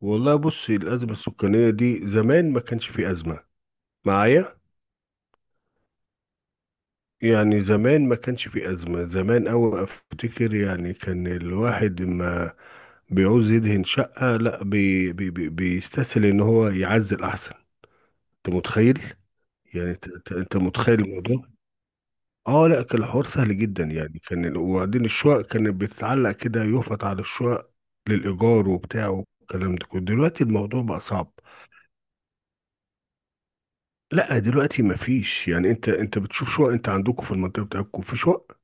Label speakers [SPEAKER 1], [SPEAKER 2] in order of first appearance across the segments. [SPEAKER 1] والله بص، الأزمة السكانية دي زمان ما كانش في أزمة معايا. يعني زمان ما كانش في أزمة، زمان أوي أفتكر، يعني كان الواحد ما بيعوز يدهن شقة لا، بي بي بي بيستسهل إن هو يعزل أحسن. أنت متخيل؟ يعني أنت متخيل الموضوع. اه لا، كان الحوار سهل جدا، يعني وبعدين الشقق كانت بتتعلق كده، يفط على الشقق للإيجار وبتاع والكلام ده كله. دلوقتي الموضوع بقى صعب. لا دلوقتي ما فيش، يعني انت بتشوف شقق؟ انت عندكم في المنطقه بتاعتكم في شقق؟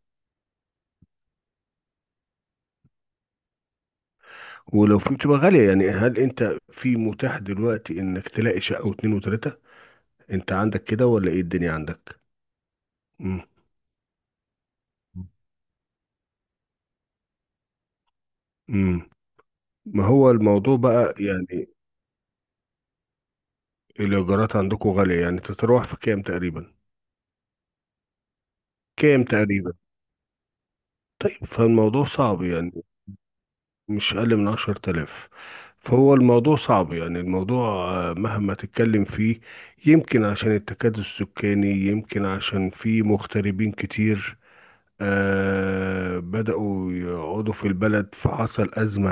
[SPEAKER 1] ولو في بتبقى غاليه. يعني هل انت في متاح دلوقتي انك تلاقي شقه واتنين وتلاته؟ انت عندك كده ولا ايه الدنيا عندك؟ امم. امم. ما هو الموضوع بقى، يعني الايجارات عندكم غاليه، يعني تتراوح في كام تقريبا؟ كام تقريبا؟ طيب فالموضوع صعب، يعني مش أقل من عشر تلاف. فهو الموضوع صعب يعني، الموضوع مهما تتكلم فيه. يمكن عشان التكدس السكاني، يمكن عشان في مغتربين كتير بدأوا يقعدوا في البلد، فحصل أزمة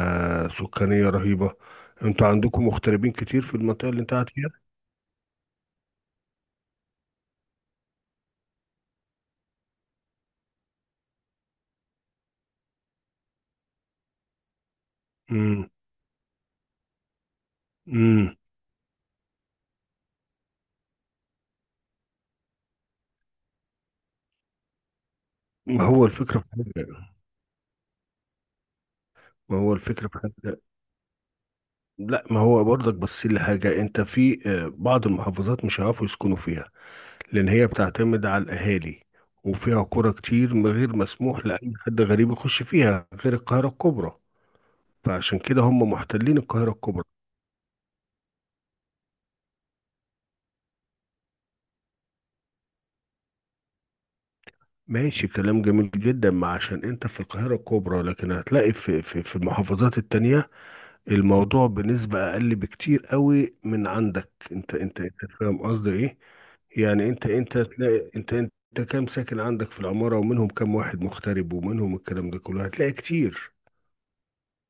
[SPEAKER 1] سكانية رهيبة. انتوا عندكم مغتربين كتير في المنطقة اللي انت قاعد فيها؟ امم. امم. ما هو الفكرة في حاجة، ما هو الفكرة في حاجة. لا ما هو برضك، بس اللي حاجة انت في بعض المحافظات مش هيعرفوا يسكنوا فيها، لأن هي بتعتمد على الأهالي، وفيها قرى كتير من غير مسموح لأي حد غريب يخش فيها غير القاهرة الكبرى. فعشان كده هم محتلين القاهرة الكبرى. ماشي كلام جميل جدا، ما عشان انت في القاهرة الكبرى، لكن هتلاقي في المحافظات التانية الموضوع بنسبة أقل بكتير قوي من عندك. انت فاهم قصدي ايه؟ يعني انت هتلاقي انت كام ساكن عندك في العمارة، ومنهم كام واحد مغترب، ومنهم الكلام ده كله هتلاقي كتير.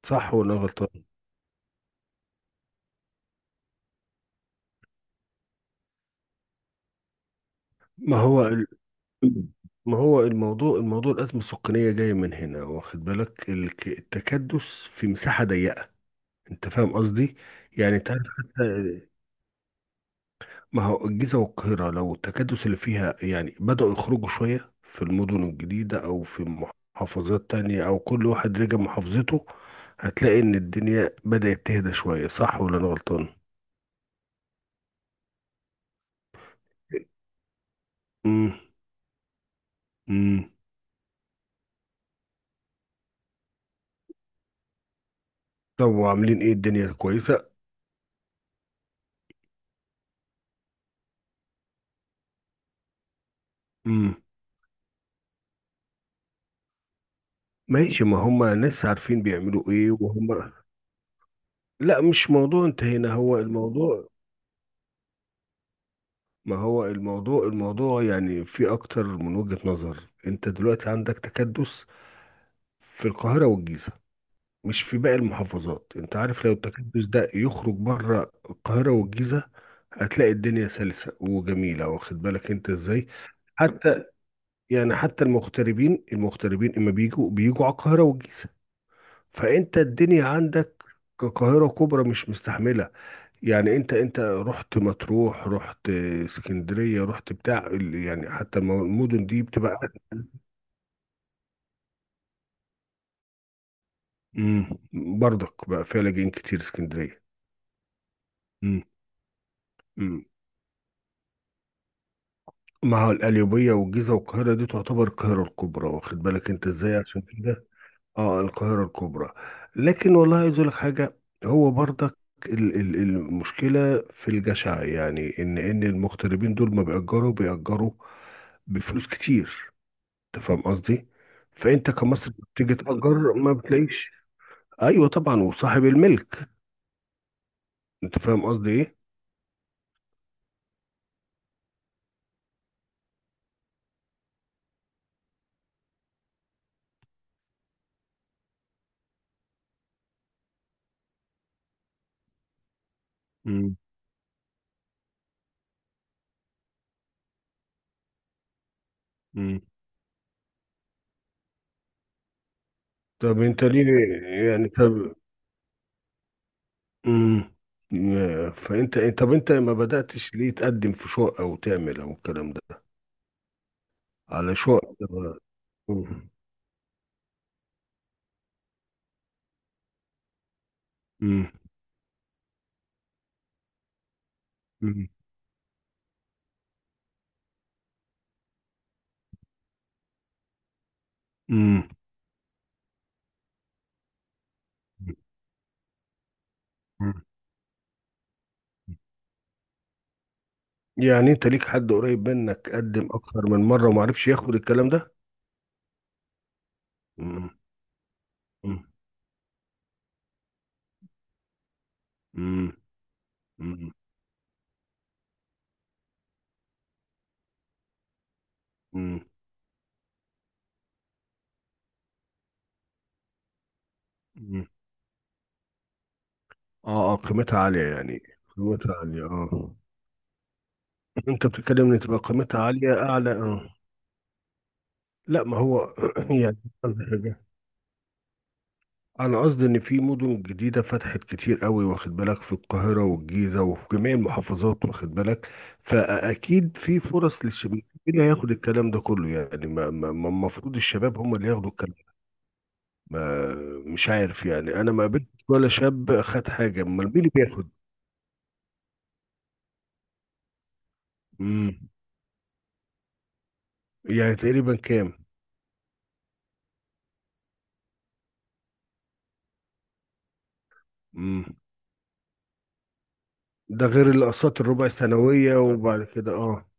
[SPEAKER 1] صح ولا أنا غلطان؟ ما هو ما هو الموضوع، الأزمة السكانية جاية من هنا، واخد بالك؟ التكدس في مساحة ضيقة. أنت فاهم قصدي؟ يعني أنت عارف حتى، ما هو الجيزة والقاهرة لو التكدس اللي فيها، يعني بدأوا يخرجوا شوية في المدن الجديدة، أو في محافظات تانية، أو كل واحد رجع محافظته، هتلاقي إن الدنيا بدأت تهدى شوية. صح ولا أنا غلطان؟ امم. امم. طب وعاملين ايه؟ الدنيا كويسة؟ امم. ماشي، ما هم ناس عارفين بيعملوا ايه وهم. لا مش موضوع انتهينا، هو الموضوع، ما هو الموضوع، يعني في اكتر من وجهة نظر. انت دلوقتي عندك تكدس في القاهرة والجيزة، مش في باقي المحافظات. انت عارف لو التكدس ده يخرج بره القاهرة والجيزة، هتلاقي الدنيا سلسة وجميلة، واخد بالك انت ازاي؟ حتى يعني حتى المغتربين اما بيجوا، بيجوا على القاهرة والجيزة، فانت الدنيا عندك كقاهرة كبرى مش مستحملة. يعني انت رحت مطروح، رحت اسكندرية، رحت بتاع يعني حتى المدن دي بتبقى. امم، برضك بقى فيها لاجئين كتير اسكندرية. امم. امم. ما هو القليوبية والجيزة والقاهرة دي تعتبر القاهرة الكبرى، واخد بالك انت ازاي؟ عشان كده اه، القاهرة الكبرى. لكن والله عايز اقول لك حاجة، هو برضك المشكلة في الجشع، يعني ان المغتربين دول ما بيأجروا، بيأجروا بفلوس كتير. انت فاهم قصدي؟ فانت كمصري بتيجي تأجر ما بتلاقيش. ايوه طبعا، وصاحب الملك. انت فاهم قصدي ايه؟ امم. امم. طب انت ليه؟ يعني طب، امم، فانت طب، انت ما بدأتش ليه تقدم في شقة، او تعمل، او الكلام ده، على شقة؟ مم. امم. امم. مم. مم. يعني انت ليك حد قريب منك قدم اكتر من مرة وما عرفش ياخد الكلام ده؟ مم. امم. امم. مم. مم. اه اه، قيمتها عالية يعني، قيمتها عالية اه. انت بتتكلم ان تبقى قيمتها عالية اعلى؟ اه. لا ما هو، يعني قصدي حاجة، انا قصدي ان في مدن جديدة فتحت كتير قوي، واخد بالك؟ في القاهرة والجيزة، وفي جميع المحافظات، واخد بالك؟ فاكيد في فرص للشباب. مين اللي هياخد الكلام ده كله يعني؟ ما المفروض الشباب هم اللي ياخدوا الكلام. ما مش عارف، يعني انا ما قابلتش ولا شاب خد حاجة. امال مين اللي بياخد؟ امم. يعني تقريبا كام؟ امم. ده غير الاقساط الربع السنويه. وبعد كده اه.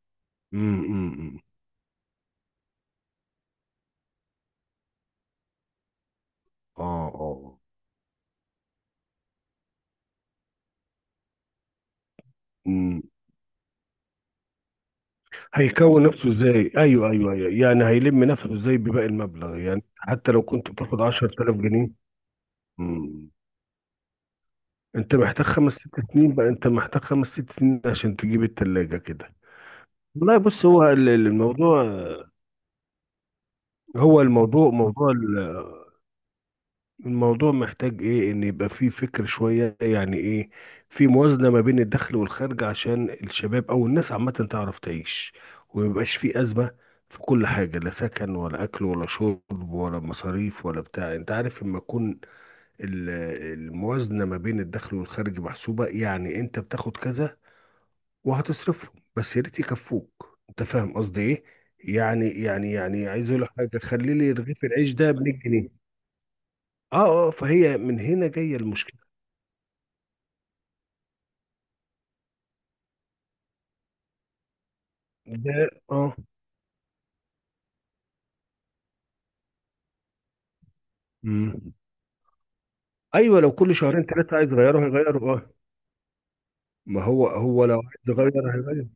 [SPEAKER 1] امم. امم. اه اه. امم. هيكون نفسه ازاي؟ ايوه ايوه ايوه، يعني هيلم نفسه ازاي بباقي المبلغ؟ يعني حتى لو كنت بتاخد 10000 جنيه. امم. انت محتاج خمس ست سنين بقى، انت محتاج خمس ست سنين عشان تجيب التلاجة كده. والله بص، هو الموضوع، هو الموضوع موضوع الموضوع محتاج ايه، ان يبقى فيه فكر شوية. يعني ايه؟ في موازنة ما بين الدخل والخارج، عشان الشباب او الناس عامة تعرف تعيش، وميبقاش فيه ازمة في كل حاجة، لا سكن ولا اكل ولا شرب ولا مصاريف ولا بتاع. انت عارف لما تكون ال- الموازنة ما بين الدخل والخارج محسوبة؟ يعني انت بتاخد كذا وهتصرفهم، بس يا ريت يكفوك. انت فاهم قصدي ايه؟ يعني عايز اقول لك حاجة، خلي لي رغيف العيش ده ب 100 جنيه. اه اه، فهي من هنا جايه المشكله. ده اه. مم. ايوه، لو كل شهرين ثلاثه عايز يغيره هيغيره اه. ما هو هو لو عايز يغير هيغير.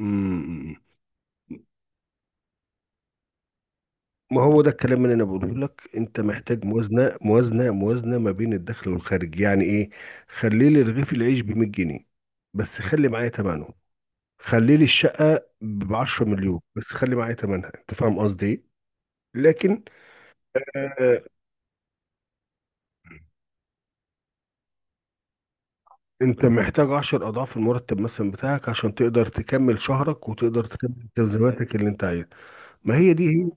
[SPEAKER 1] مم. ما هو ده الكلام اللي انا بقوله لك، انت محتاج موازنه، موازنه ما بين الدخل والخارج. يعني ايه؟ خلي لي رغيف العيش ب 100 جنيه، بس خلي معايا ثمنه. خلي لي الشقه ب 10 مليون، بس خلي معايا ثمنها. انت فاهم قصدي ايه؟ لكن انت محتاج عشر اضعاف المرتب مثلا بتاعك، عشان تقدر تكمل شهرك، وتقدر تكمل تلزيماتك اللي انت عايزها. ما هي دي هي.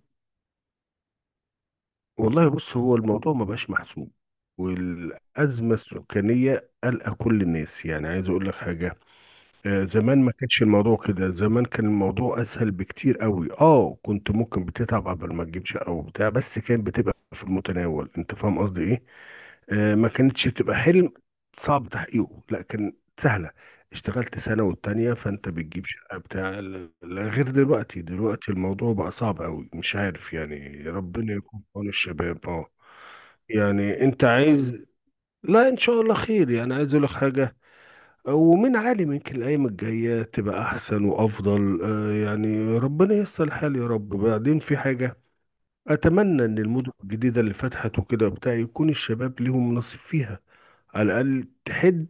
[SPEAKER 1] والله بص، هو الموضوع ما بقاش محسوب، والازمه السكانيه قلقه كل الناس. يعني عايز اقول لك حاجه، زمان ما كانش الموضوع كده. زمان كان الموضوع اسهل بكتير قوي اه. كنت ممكن بتتعب قبل ما تجيب شقه وبتاع، بس كانت بتبقى في المتناول. انت فاهم قصدي ايه؟ آه، ما كانتش بتبقى حلم صعب تحقيقه، لا كان سهله. اشتغلت سنه والتانيه فانت بتجيب شقه بتاع غير دلوقتي. دلوقتي الموضوع بقى صعب قوي، مش عارف. يعني ربنا يكون في عون الشباب اه. يعني انت عايز، لا ان شاء الله خير. يعني عايز اقول لك حاجه، ومن عالي يمكن الأيام الجاية تبقى أحسن وأفضل. يعني ربنا ييسر الحال يا رب. بعدين في حاجة، أتمنى إن المدن الجديدة اللي فتحت وكده وبتاع يكون الشباب ليهم نصيب فيها، على الأقل تحد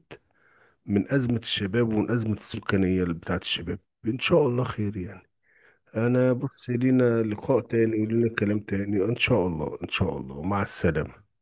[SPEAKER 1] من أزمة الشباب، ومن أزمة السكانية اللي بتاعت الشباب. إن شاء الله خير يعني. أنا بص، لينا لقاء تاني ولينا كلام تاني إن شاء الله. إن شاء الله، مع السلامة.